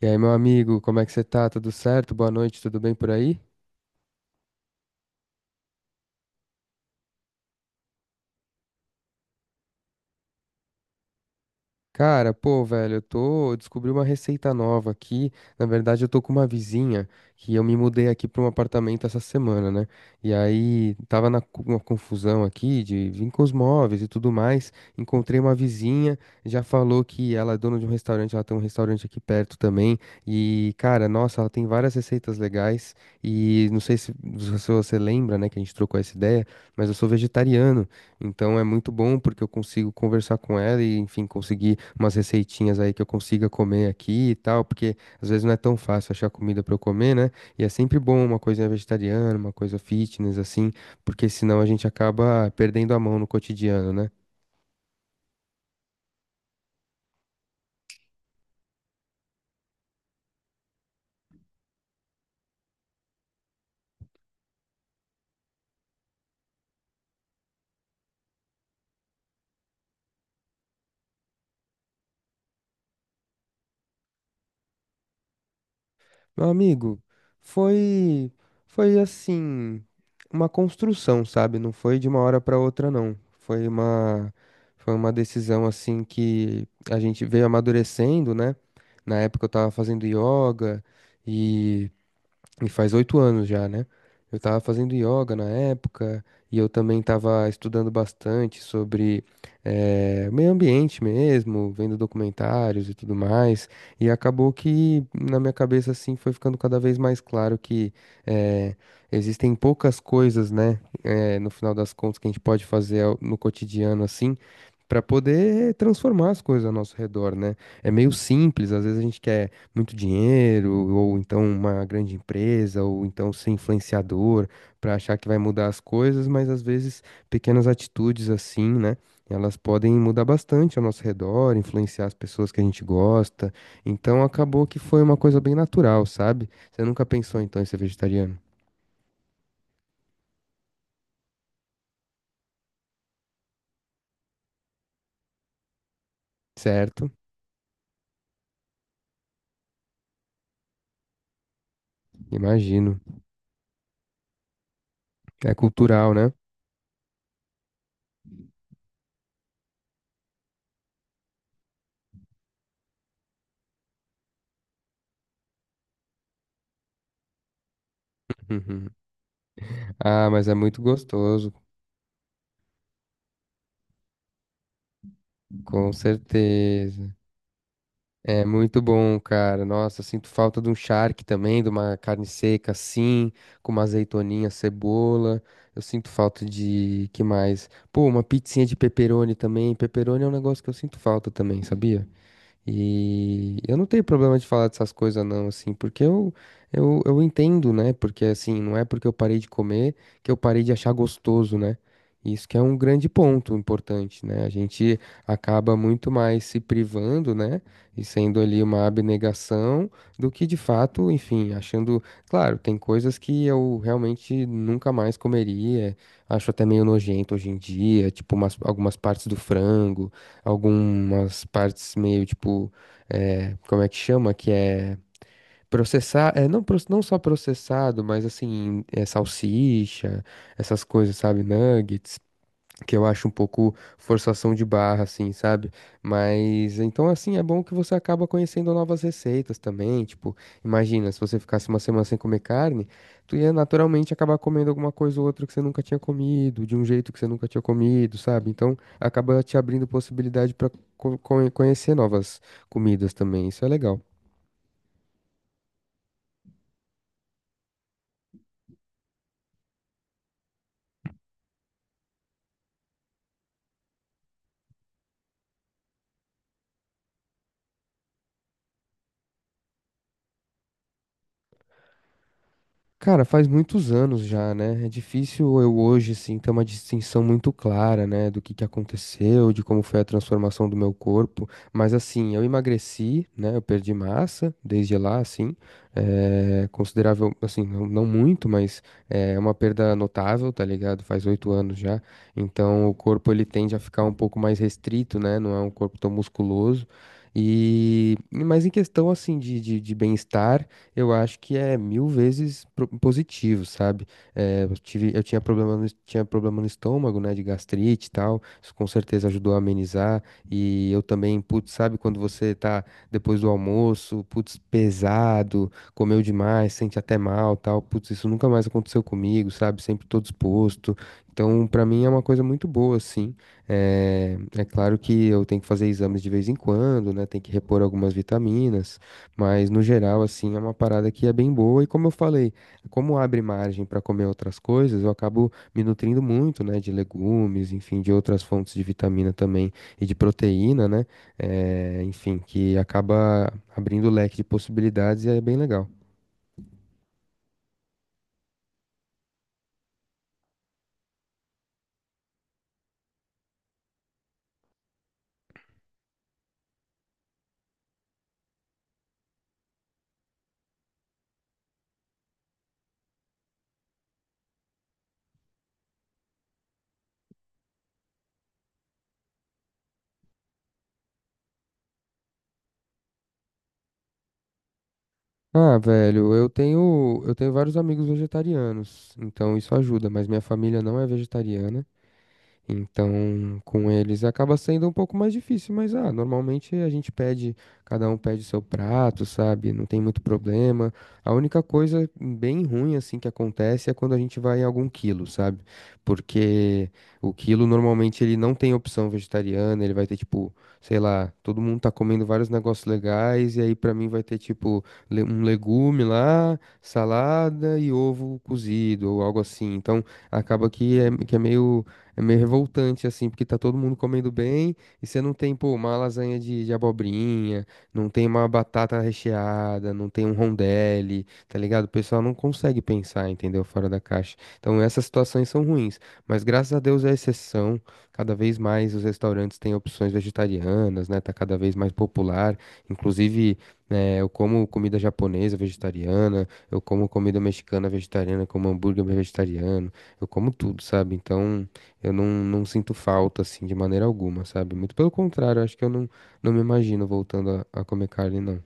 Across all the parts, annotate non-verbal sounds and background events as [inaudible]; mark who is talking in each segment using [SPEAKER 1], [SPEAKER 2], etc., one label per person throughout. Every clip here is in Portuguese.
[SPEAKER 1] E aí, meu amigo, como é que você tá? Tudo certo? Boa noite, tudo bem por aí? Cara, pô, velho, eu descobri uma receita nova aqui. Na verdade, eu tô com uma vizinha que eu me mudei aqui pra um apartamento essa semana, né? E aí tava uma confusão aqui de vir com os móveis e tudo mais. Encontrei uma vizinha, já falou que ela é dona de um restaurante, ela tem um restaurante aqui perto também. E, cara, nossa, ela tem várias receitas legais. E não sei se você lembra, né, que a gente trocou essa ideia, mas eu sou vegetariano. Então é muito bom porque eu consigo conversar com ela e, enfim, conseguir umas receitinhas aí que eu consiga comer aqui e tal, porque às vezes não é tão fácil achar comida pra eu comer, né? E é sempre bom uma coisa vegetariana, uma coisa fitness, assim, porque senão a gente acaba perdendo a mão no cotidiano, né? Meu amigo, foi foi assim, uma construção, sabe? Não foi de uma hora para outra, não. Foi uma foi uma decisão assim que a gente veio amadurecendo, né? Na época eu tava fazendo yoga e e faz 8 anos já, né? Eu tava fazendo yoga na época e eu também tava estudando bastante sobre meio ambiente mesmo, vendo documentários e tudo mais. E acabou que na minha cabeça, assim, foi ficando cada vez mais claro que eh, existem poucas coisas, né? No final das contas, que a gente pode fazer no cotidiano, assim para poder transformar as coisas ao nosso redor, né? É meio simples, às vezes a gente quer muito dinheiro, ou então uma grande empresa, ou então ser influenciador para achar que vai mudar as coisas, mas às vezes pequenas atitudes assim, né? Elas podem mudar bastante ao nosso redor, influenciar as pessoas que a gente gosta. Então acabou que foi uma coisa bem natural, sabe? Você nunca pensou então em ser vegetariano? Certo, imagino. É cultural, né? [laughs] Uhum. Ah, mas é muito gostoso. Com certeza. É muito bom, cara. Nossa, sinto falta de um charque também, de uma carne seca assim, com uma azeitoninha, cebola. Eu sinto falta de que mais? Pô, uma pizzinha de pepperoni também. Pepperoni é um negócio que eu sinto falta também, sabia? E eu não tenho problema de falar dessas coisas não, assim, porque eu entendo, né? Porque assim, não é porque eu parei de comer que eu parei de achar gostoso, né? Isso que é um grande ponto importante, né? A gente acaba muito mais se privando, né? E sendo ali uma abnegação do que de fato, enfim, achando. Claro, tem coisas que eu realmente nunca mais comeria. Acho até meio nojento hoje em dia, tipo algumas partes do frango algumas partes meio tipo, como é que chama? Que é processar, é, não, não só processado, mas assim, é, salsicha, essas coisas, sabe? Nuggets que eu acho um pouco forçação de barra, assim, sabe? Mas então, assim, é bom que você acaba conhecendo novas receitas também. Tipo, imagina, se você ficasse uma semana sem comer carne, tu ia naturalmente acabar comendo alguma coisa ou outra que você nunca tinha comido, de um jeito que você nunca tinha comido, sabe? Então, acaba te abrindo possibilidade para conhecer novas comidas também. Isso é legal. Cara, faz muitos anos já, né? É difícil eu hoje, assim, ter uma distinção muito clara, né, do que aconteceu, de como foi a transformação do meu corpo. Mas, assim, eu emagreci, né? Eu perdi massa desde lá, assim. É considerável, assim, não, não muito, mas é uma perda notável, tá ligado? Faz 8 anos já. Então, o corpo, ele tende a ficar um pouco mais restrito, né? Não é um corpo tão musculoso. E, mas em questão, assim, de, de bem-estar eu acho que é mil vezes positivo, sabe? Eh, eu tive, eu tinha problema no, es- Tinha problema no estômago, né, de gastrite e tal. Isso com certeza ajudou a amenizar. E eu também, putz, sabe quando você tá depois do almoço, putz, pesado, comeu demais, sente até mal, tal. Putz, isso nunca mais aconteceu comigo, sabe? Sempre tô disposto. Então, pra mim é uma coisa muito boa, assim. É, é claro que eu tenho que fazer exames de vez em quando, né? Tem que repor algumas vitaminas. Mas no geral, assim, é uma parada que é bem boa. E como eu falei, como abre margem para comer outras coisas, eu acabo me nutrindo muito, né, de legumes, enfim, de outras fontes de vitamina também e de proteína, né? Enfim, que acaba abrindo o leque de possibilidades e é bem legal. Ah, velho, eu tenho vários amigos vegetarianos, então isso ajuda, mas minha família não é vegetariana. Então, com eles acaba sendo um pouco mais difícil, mas ah, normalmente a gente pede, cada um pede seu prato, sabe? Não tem muito problema. A única coisa bem ruim assim que acontece é quando a gente vai em algum quilo, sabe? Porque o quilo normalmente ele não tem opção vegetariana, ele vai ter tipo, sei lá, todo mundo tá comendo vários negócios legais e aí pra mim vai ter tipo um legume lá, salada e ovo cozido ou algo assim. Então, acaba que é que é meio revoltante, assim, porque tá todo mundo comendo bem e você não tem, pô, uma lasanha de abobrinha, não tem uma batata recheada, não tem um rondelli, tá ligado? O pessoal não consegue pensar, entendeu? Fora da caixa. Então essas situações são ruins, mas graças a Deus é exceção. Cada vez mais os restaurantes têm opções vegetarianas, né? Tá cada vez mais popular. Inclusive, né, eu como comida japonesa vegetariana, eu como comida mexicana vegetariana, como hambúrguer vegetariano, eu como tudo, sabe? Então. Eu não sinto falta, assim, de maneira alguma, sabe? Muito pelo contrário, acho que eu não me imagino voltando a comer carne, não.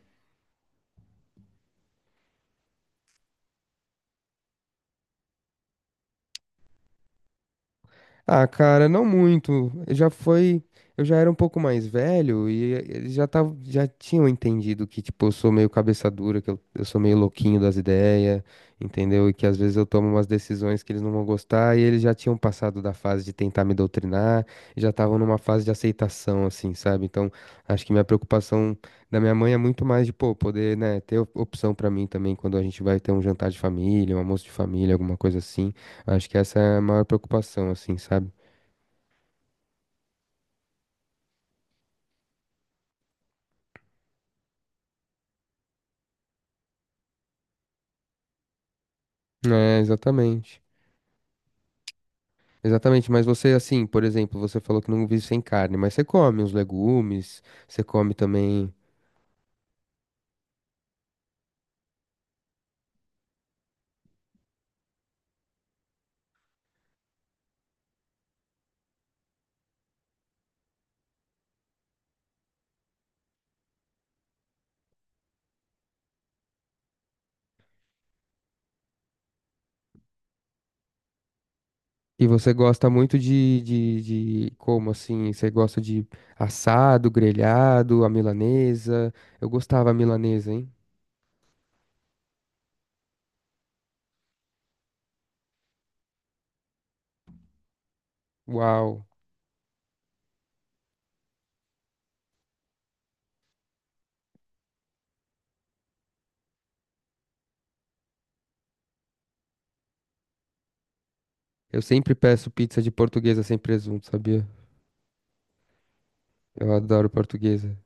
[SPEAKER 1] Ah, cara, não muito. Eu Já foi. Eu já era um pouco mais velho e eles já tinham entendido que, tipo, eu sou meio cabeça dura, que eu sou meio louquinho das ideias, entendeu? E que às vezes eu tomo umas decisões que eles não vão gostar e eles já tinham passado da fase de tentar me doutrinar e já estavam numa fase de aceitação, assim, sabe? Então, acho que minha preocupação da minha mãe é muito mais de, pô, poder, né, ter opção pra mim também quando a gente vai ter um jantar de família, um almoço de família, alguma coisa assim. Acho que essa é a maior preocupação, assim, sabe? É, exatamente. Exatamente, mas você, assim, por exemplo, você falou que não vive sem carne, mas você come uns legumes, você come também. E você gosta muito de como assim? Você gosta de assado, grelhado, a milanesa. Eu gostava a milanesa, hein? Uau! Eu sempre peço pizza de portuguesa sem presunto, sabia? Eu adoro portuguesa.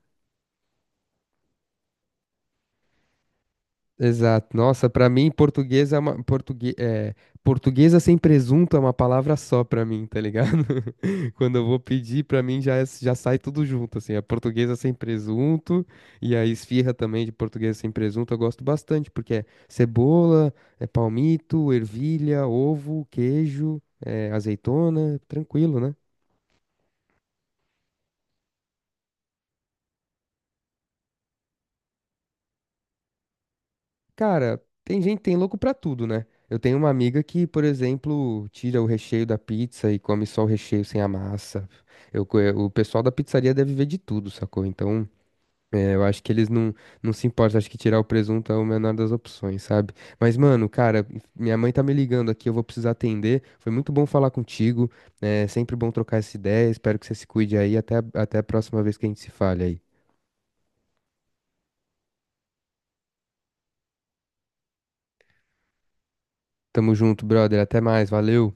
[SPEAKER 1] Exato. Nossa, pra mim, português é uma portugue... é, portuguesa sem presunto é uma palavra só pra mim, tá ligado? [laughs] Quando eu vou pedir, pra mim já já sai tudo junto, assim. É portuguesa sem presunto e a esfirra também de portuguesa sem presunto eu gosto bastante, porque é cebola, é palmito, ervilha, ovo, queijo, é azeitona, tranquilo, né? Cara, tem gente, tem louco pra tudo, né? Eu tenho uma amiga que, por exemplo, tira o recheio da pizza e come só o recheio sem a massa. O pessoal da pizzaria deve ver de tudo, sacou? Então, é, eu acho que eles não se importam. Acho que tirar o presunto é o menor das opções, sabe? Mas, mano, cara, minha mãe tá me ligando aqui, eu vou precisar atender. Foi muito bom falar contigo. É sempre bom trocar essa ideia. Espero que você se cuide aí. Até, até a próxima vez que a gente se fale aí. Tamo junto, brother. Até mais. Valeu.